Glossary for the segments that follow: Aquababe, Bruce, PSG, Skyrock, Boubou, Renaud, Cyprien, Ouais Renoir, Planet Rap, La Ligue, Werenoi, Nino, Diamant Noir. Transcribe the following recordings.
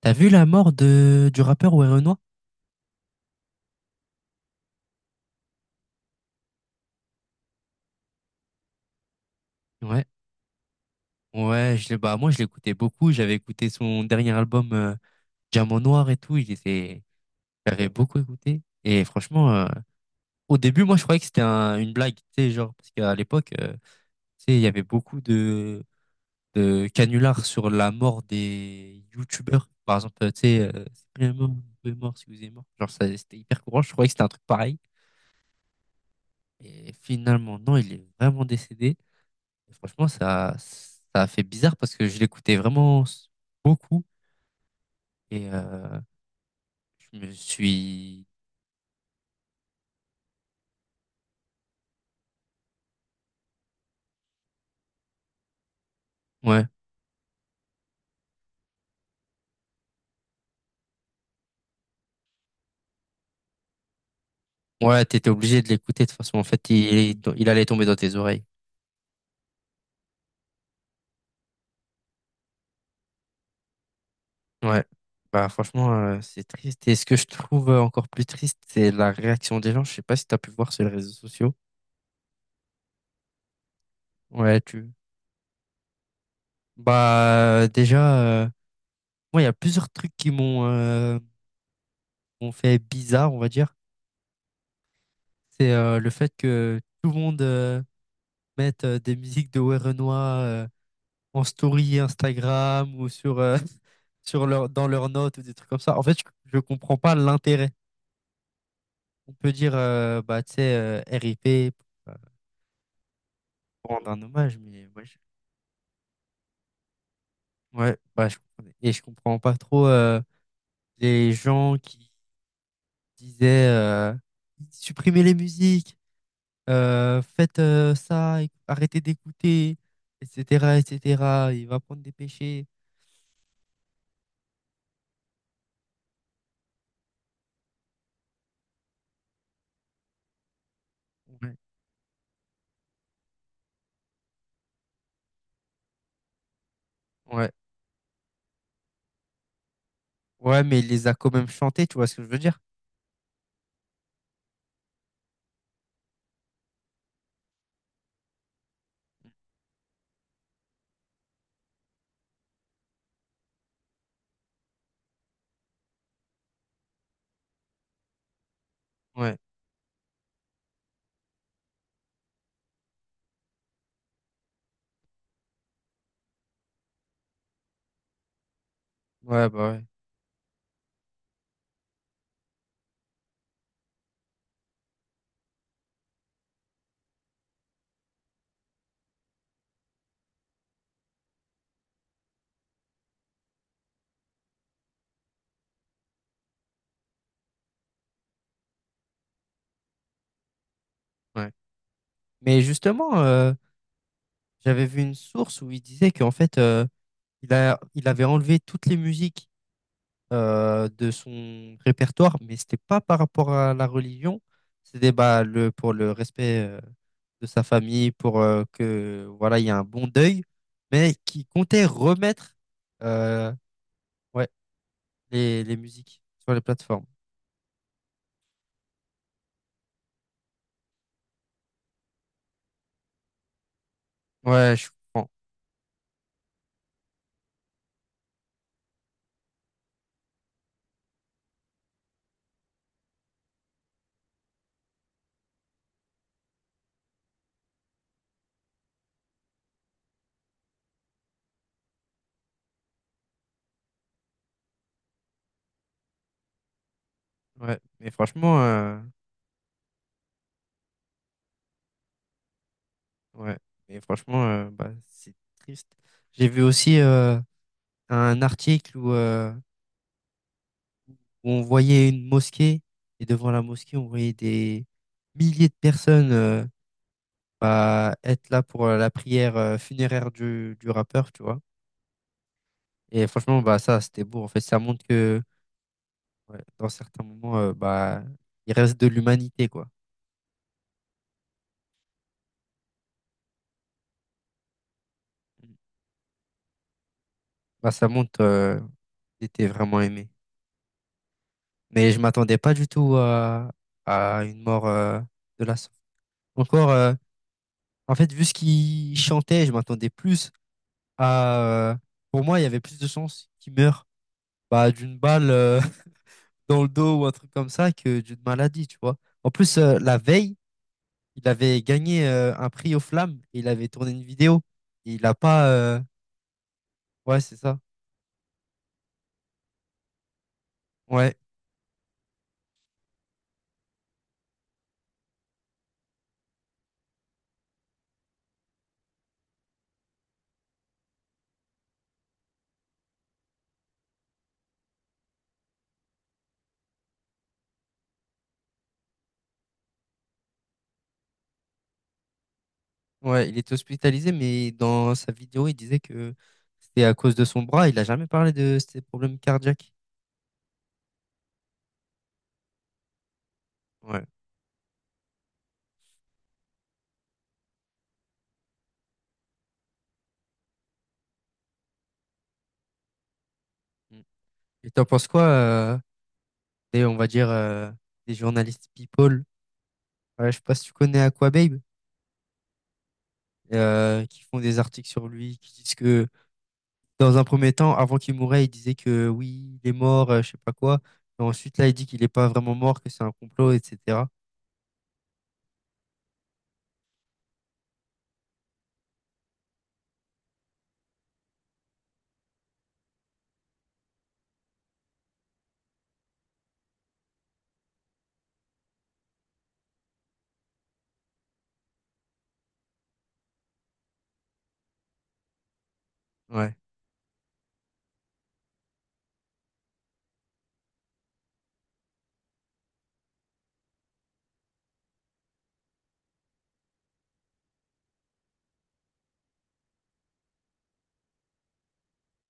T'as vu la mort de du rappeur Ouais Renoir? Ouais. Ouais, je l'ai bah moi je l'écoutais beaucoup, j'avais écouté son dernier album, Diamant Noir et tout, il était j'avais beaucoup écouté et franchement, au début moi je croyais que c'était une blague, tu sais, genre, parce qu'à l'époque, tu sais, il y avait beaucoup de canulars sur la mort des youtubeurs par exemple, tu sais, Cyprien est mort, Boubou est mort, si vous êtes mort. Genre, ça c'était hyper courant, je croyais que c'était un truc pareil. Et finalement non, il est vraiment décédé. Et franchement, ça a fait bizarre parce que je l'écoutais vraiment beaucoup et je me suis... Ouais, ouais, t'étais obligé de l'écouter de toute façon. En fait, il allait tomber dans tes oreilles. Ouais. Bah, franchement, c'est triste. Et ce que je trouve, encore plus triste, c'est la réaction des gens. Je sais pas si t'as pu voir sur les réseaux sociaux. Ouais, tu... Bah, déjà, moi, il y a plusieurs trucs qui m'ont fait bizarre, on va dire. C'est, le fait que tout le monde... mettre, des musiques de Werenoi, en story Instagram ou sur, sur leur, dans leurs notes ou des trucs comme ça. En fait, je comprends pas l'intérêt. On peut dire, bah, tu sais, RIP pour, euh, pour rendre un hommage, mais moi, ouais, bah, je comprenais. Et je comprends pas trop, les gens qui disaient, supprimez les musiques, faites, ça, arrêtez d'écouter, etc., etc. Il va prendre des péchés. Ouais. Ouais. Ouais, mais il les a quand même chantés, tu vois ce que je veux dire? Ouais, ouais, bah ouais. Ouais. Mais justement, j'avais vu une source où il disait qu'en fait, il avait enlevé toutes les musiques, de son répertoire, mais c'était pas par rapport à la religion, c'était, bah, pour le respect, de sa famille, pour, que voilà, il y a un bon deuil, mais qui comptait remettre, euh, ouais, les musiques sur les plateformes. Ouais, je comprends. Ouais, mais franchement. Ouais, mais franchement, bah, c'est triste. J'ai vu aussi, un article où on voyait une mosquée, et devant la mosquée, on voyait des milliers de personnes, bah, être là pour, la prière, funéraire du rappeur, tu vois. Et franchement, bah, ça, c'était beau. En fait, ça montre que, ouais, dans certains moments, bah, il reste de l'humanité, quoi. Bah, ça montre, qu'il était vraiment aimé. Mais je m'attendais pas du tout à une mort, de la sorte. Encore. En fait, vu ce qu'il chantait, je m'attendais plus à... Pour moi, il y avait plus de chances qu'il meure, bah, d'une balle, dans le dos ou un truc comme ça que d'une maladie, tu vois. En plus, la veille, il avait gagné, un prix aux flammes et il avait tourné une vidéo. Et il a pas... Ouais, c'est ça. Ouais, ouais, il était hospitalisé, mais dans sa vidéo, il disait que c'était à cause de son bras. Il a jamais parlé de ses problèmes cardiaques. Ouais. Mm. Et t'en penses quoi, on va dire, des journalistes people? Voilà, je sais pas si tu connais Aquababe, qui font des articles sur lui, qui disent que, dans un premier temps, avant qu'il mourait, il disait que oui, il est mort, je sais pas quoi. Et ensuite, là, il dit qu'il est pas vraiment mort, que c'est un complot, etc. Ouais,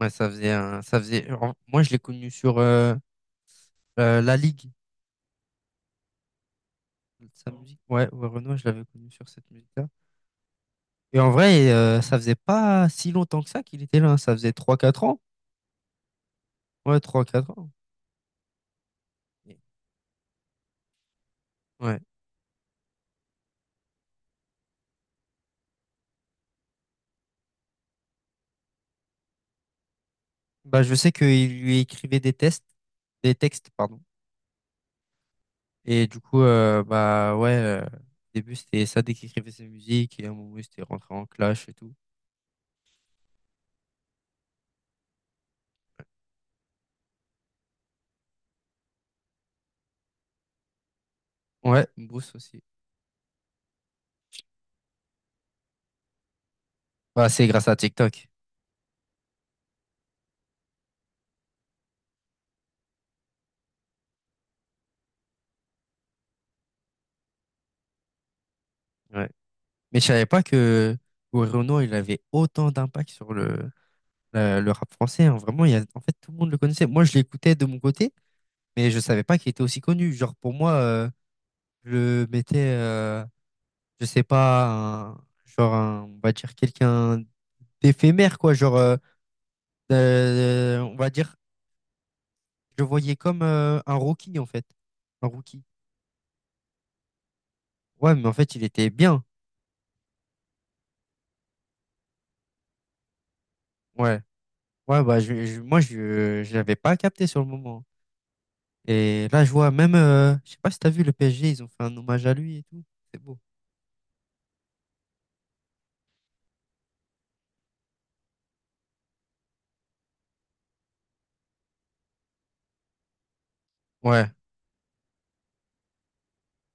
ouais, ça faisait un, ça faisait. En- Moi, je l'ai connu sur La Ligue, sa musique. Ouais, ouais, Renoir, je l'avais connu sur cette musique-là. Et en vrai, ça faisait pas si longtemps que ça qu'il était là, hein. Ça faisait 3-4 ans. Ouais, 3-4 ans. Ouais. Bah, je sais qu'il lui écrivait des tests, des textes, pardon. Et du coup, bah ouais, au début c'était ça dès qu'il écrivait ses musiques, et à un moment il s'était rentré en clash et tout. Ouais, Bruce aussi. Bah, c'est grâce à TikTok. Ouais. Mais je savais pas que Renaud il avait autant d'impact sur le rap français, hein. Vraiment, il y a, en fait, tout le monde le connaissait. Moi, je l'écoutais de mon côté, mais je savais pas qu'il était aussi connu. Genre, pour moi, je le mettais, je sais pas, un- genre, on va dire quelqu'un d'éphémère, quoi. Genre, on va dire. Je le voyais comme, un rookie, en fait. Un rookie. Ouais, mais en fait, il était bien. Ouais. Ouais, bah, moi, je l'avais pas capté sur le moment. Et là, je vois même, je sais pas si t'as vu le PSG, ils ont fait un hommage à lui et tout. C'est beau. Ouais.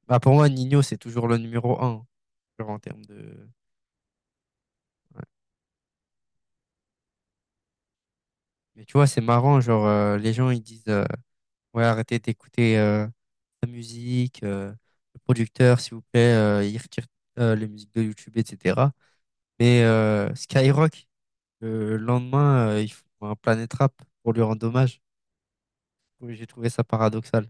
Bah, pour moi, Nino c'est toujours le numéro un, hein. Genre, en termes de. Ouais. Mais tu vois, c'est marrant, genre, les gens, ils disent, ouais, arrêtez d'écouter, la musique, le producteur, s'il vous plaît, il retire, les musiques de YouTube, etc. Mais, Skyrock, le lendemain, ils font un Planet Rap pour lui rendre hommage. Oui, j'ai trouvé ça paradoxal.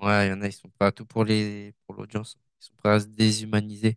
Ouais, il y en a, ils sont prêts à tout pour pour l'audience. Ils sont prêts à se déshumaniser.